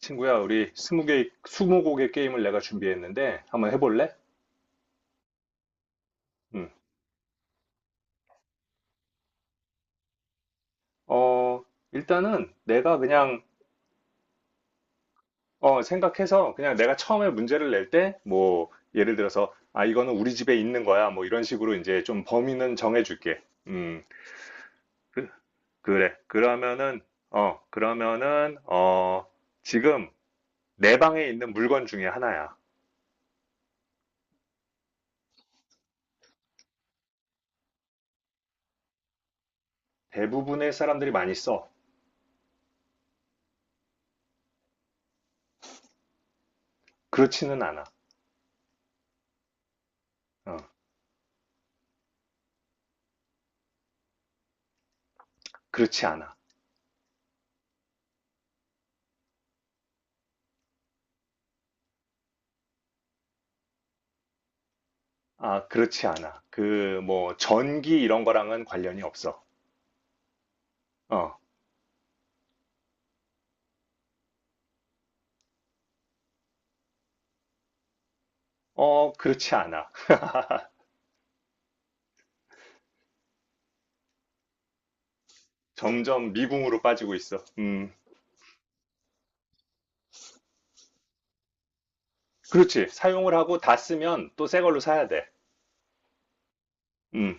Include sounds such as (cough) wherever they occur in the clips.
친구야, 우리 20개, 20곡의 게임을 내가 준비했는데, 한번 해볼래? 음. 어, 일단은 내가 그냥, 생각해서 그냥 내가 처음에 문제를 낼 때, 뭐, 예를 들어서, 아, 이거는 우리 집에 있는 거야. 뭐 이런 식으로 이제 좀 범위는 정해줄게. 음, 그, 그래. 그러면은, 지금 내 방에 있는 물건 중에 하나야. 대부분의 사람들이 많이 써. 그렇지는 않아. 어, 그렇지 않아. 아, 그렇지 않아. 뭐, 전기 이런 거랑은 관련이 없어. 어, 그렇지 않아. 점점 미궁으로 빠지고 있어. 그렇지. 사용을 하고 다 쓰면 또 새 걸로 사야 돼. 음,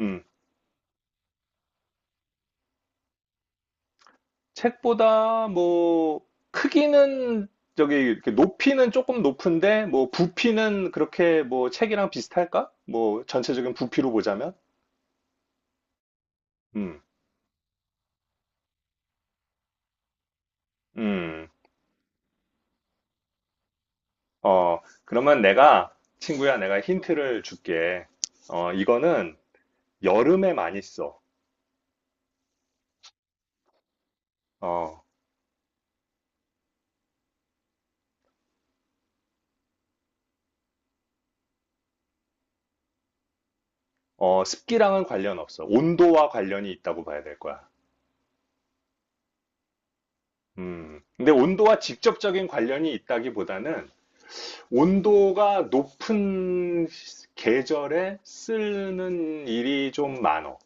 음. 책보다 뭐, 크기는, 저기, 이렇게 높이는 조금 높은데, 뭐, 부피는 그렇게 뭐, 책이랑 비슷할까? 뭐, 전체적인 부피로 보자면? 음, 음. 그러면 내가, 친구야, 내가 힌트를 줄게. 이거는, 여름에 많이 써. 어, 습기랑은 관련 없어. 온도와 관련이 있다고 봐야 될 거야. 음. 근데 온도와 직접적인 관련이 있다기보다는 온도가 높은 계절에 쓰는 일이 좀 많어.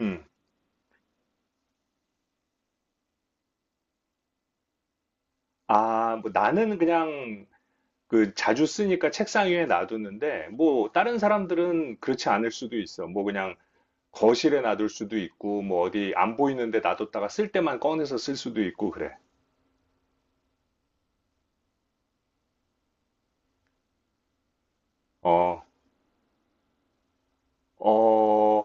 음. 아, 뭐 나는 그냥 그 자주 쓰니까 책상 위에 놔두는데 뭐 다른 사람들은 그렇지 않을 수도 있어. 뭐 그냥 거실에 놔둘 수도 있고 뭐 어디 안 보이는데 놔뒀다가 쓸 때만 꺼내서 쓸 수도 있고 그래. 어. 어,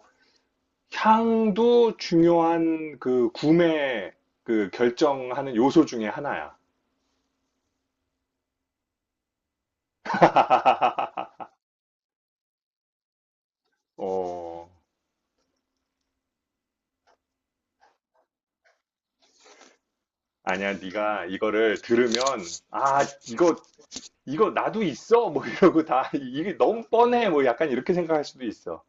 향도 중요한 그 구매 그 결정하는 요소 중에 하나야. (laughs) 어, 아니야, 네가 이거를 들으면 아, 이거 이거 나도 있어. 뭐 이러고 다 이게 너무 뻔해. 뭐 약간 이렇게 생각할 수도 있어.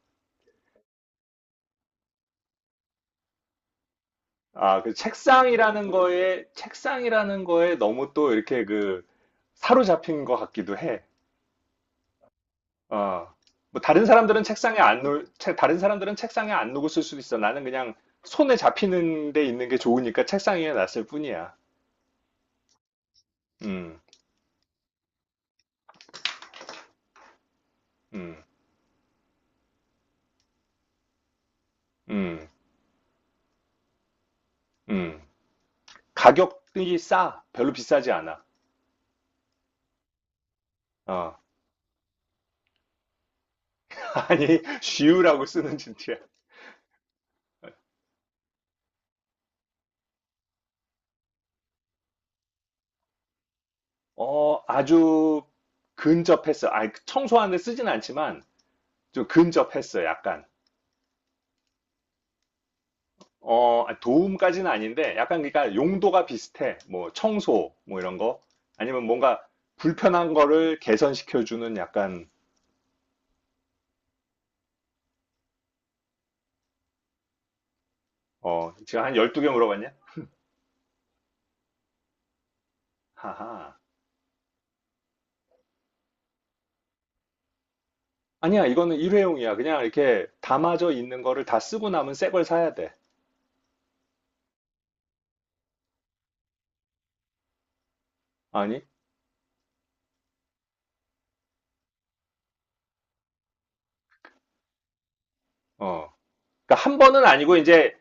아, 그 책상이라는 거에 너무 또 이렇게 그 사로잡힌 것 같기도 해. 어, 뭐 다른 사람들은 책상에 안 놓을, 다른 사람들은 책상에 안 놓고 쓸 수도 있어. 나는 그냥 손에 잡히는 데 있는 게 좋으니까 책상 위에 놨을 뿐이야. 음, 음, 음, 음. 가격이 싸. 별로 비싸지 않아. 어, (laughs) 아니, 쉬우라고 쓰는 진트야. 아주 근접했어. 아니, 청소하는데 쓰진 않지만 좀 근접했어, 약간. 아, 도움까지는 아닌데, 약간 그러니까 용도가 비슷해. 뭐 청소, 뭐 이런 거. 아니면 뭔가 불편한 거를 개선시켜주는 약간, 제가 한 12개 물어봤냐? 하하. 아니야, 이거는 일회용이야. 그냥 이렇게 담아져 있는 거를 다 쓰고 남은 새 걸 사야 돼. 아니? 어. 그러니까 한 번은 아니고, 이제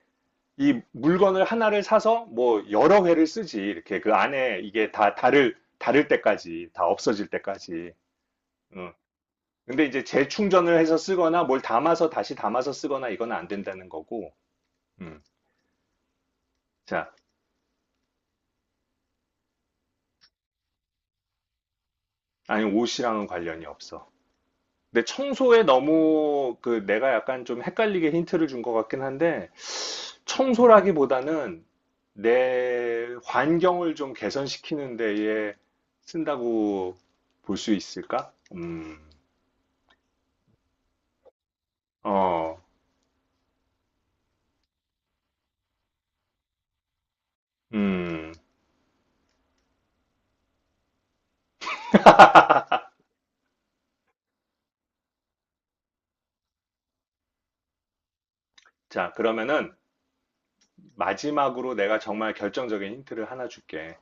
이 물건을 하나를 사서 뭐 여러 회를 쓰지. 이렇게 그 안에 이게 다 다를 때까지, 다 없어질 때까지. 응. 근데 이제 재충전을 해서 쓰거나 뭘 담아서 다시 담아서 쓰거나 이건 안 된다는 거고, 음. 자, 아니 옷이랑은 관련이 없어. 근데 청소에 너무 그 내가 약간 좀 헷갈리게 힌트를 준 것 같긴 한데, 청소라기보다는 내 환경을 좀 개선시키는 데에 쓴다고 볼 수 있을까? 어, 음. 자, 그러면은 마지막으로 내가 정말 결정적인 힌트를 하나 줄게.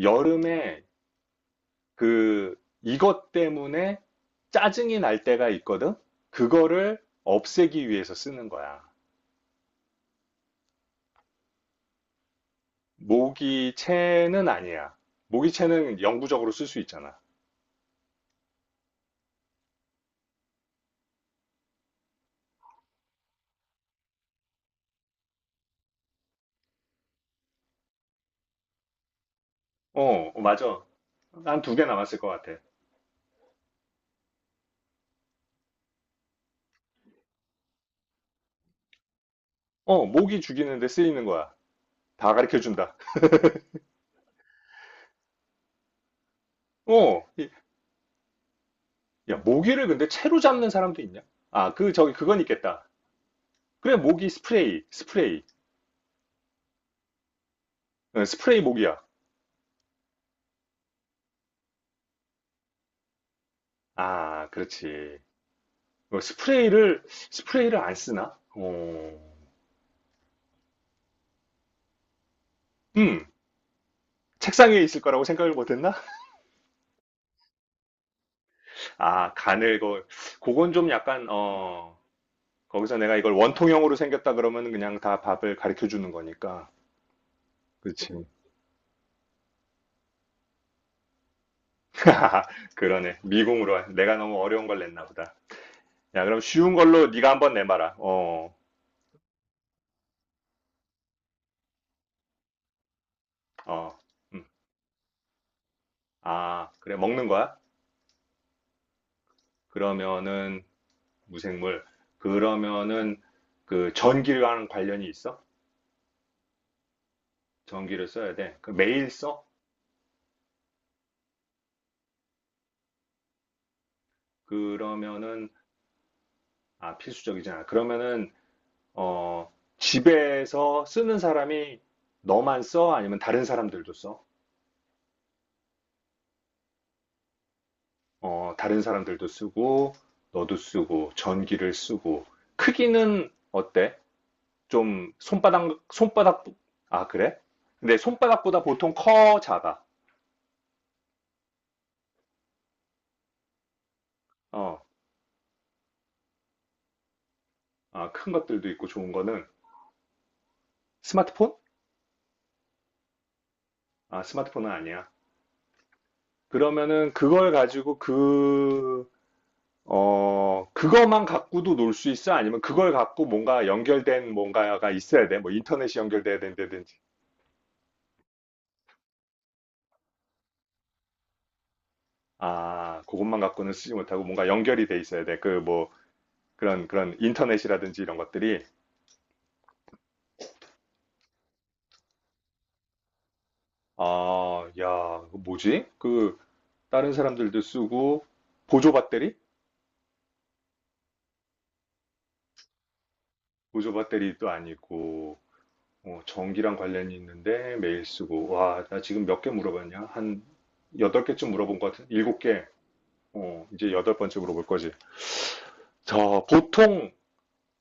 여름에 그 이것 때문에 짜증이 날 때가 있거든. 그거를 없애기 위해서 쓰는 거야. 모기채는 아니야. 모기채는 영구적으로 쓸 수 있잖아. 어, 맞아. 한 두 개 남았을 것 같아. 모기 죽이는데 쓰이는 거야. 다 가르쳐 준다. 어, 이- 야, 모기를 근데 채로 잡는 사람도 있냐? 아, 저기, 그건 있겠다. 그래, 모기 스프레이, 스프레이. 스프레이 모기야. 아, 그렇지. 스프레이를 안 쓰나? 어. 음, 책상 위에 있을 거라고 생각을 못 했나? 아, 간을, 그건 좀 약간, 거기서 내가 이걸 원통형으로 생겼다 그러면 그냥 다 밥을 가르쳐 주는 거니까. 그치. (laughs) 그러네. 미궁으로. 내가 너무 어려운 걸 냈나 보다. 야, 그럼 쉬운 걸로 네가 한번 내봐라. 어. 어. 음. 아, 그래. 먹는 거야? 그러면은 무생물. 그러면은 그 전기랑 관련이 있어? 전기를 써야 돼. 그 매일 써? 그러면은 아, 필수적이잖아. 그러면은 어, 집에서 쓰는 사람이 너만 써? 아니면 다른 사람들도 써? 다른 사람들도 쓰고, 너도 쓰고, 전기를 쓰고. 크기는 어때? 좀 손바닥, 아, 그래? 근데 손바닥보다 보통 커, 작아? 어, 아, 큰 것들도 있고 좋은 거는 스마트폰? 아, 스마트폰은 아니야. 그러면은 그걸 가지고 그 그거만 갖고도 놀 수 있어? 아니면 그걸 갖고 뭔가 연결된 뭔가가 있어야 돼? 뭐 인터넷이 연결돼야 된다든지. 아, 그것만 갖고는 쓰지 못하고 뭔가 연결이 돼 있어야 돼. 그 뭐, 그런 인터넷이라든지 이런 것들이. 아, 야, 그거 뭐지? 다른 사람들도 쓰고, 보조 배터리? 보조 배터리도 아니고, 전기랑 관련이 있는데 매일 쓰고. 와, 나 지금 몇 개 물어봤냐? 한 여덟 개쯤 물어본 것 같은? 일곱 개. 이제 여덟 번째 물어볼 거지. 저 보통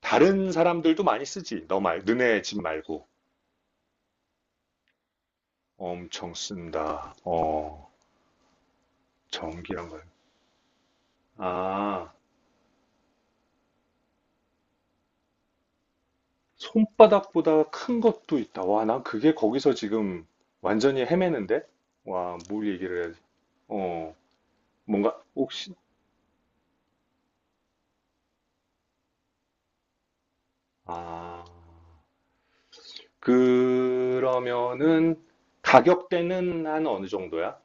다른 사람들도 많이 쓰지. 너 말, 너네 집 말고. 엄청 쓴다. 전기란 걸. 아, 손바닥보다 큰 것도 있다. 와, 난 그게 거기서 지금 완전히 헤매는데? 와, 뭘 얘기를 해야지. 어, 뭔가, 혹시, 아, 그러면은 가격대는 한 어느 정도야?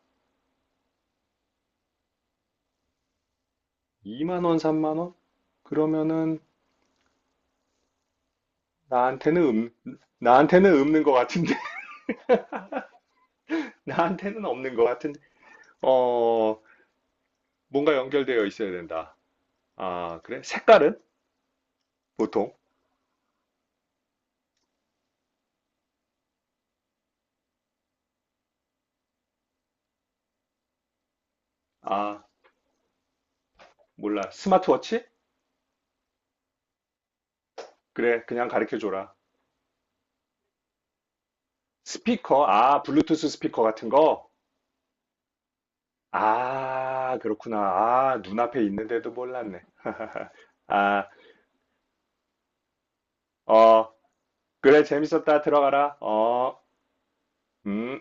2만 원, 3만 원? 그러면은 나한테는 없는 것 같은데. 나한테는 없는 것 같은데, 어, 뭔가 연결되어 있어야 된다. 아, 그래? 색깔은? 보통? 아, 몰라. 스마트워치? 그래, 그냥 가르쳐 줘라. 스피커? 아, 블루투스 스피커 같은 거? 아, 그렇구나. 아, 눈앞에 있는데도 몰랐네. (laughs) 아, 어, 그래, 재밌었다. 들어가라. 어. 음.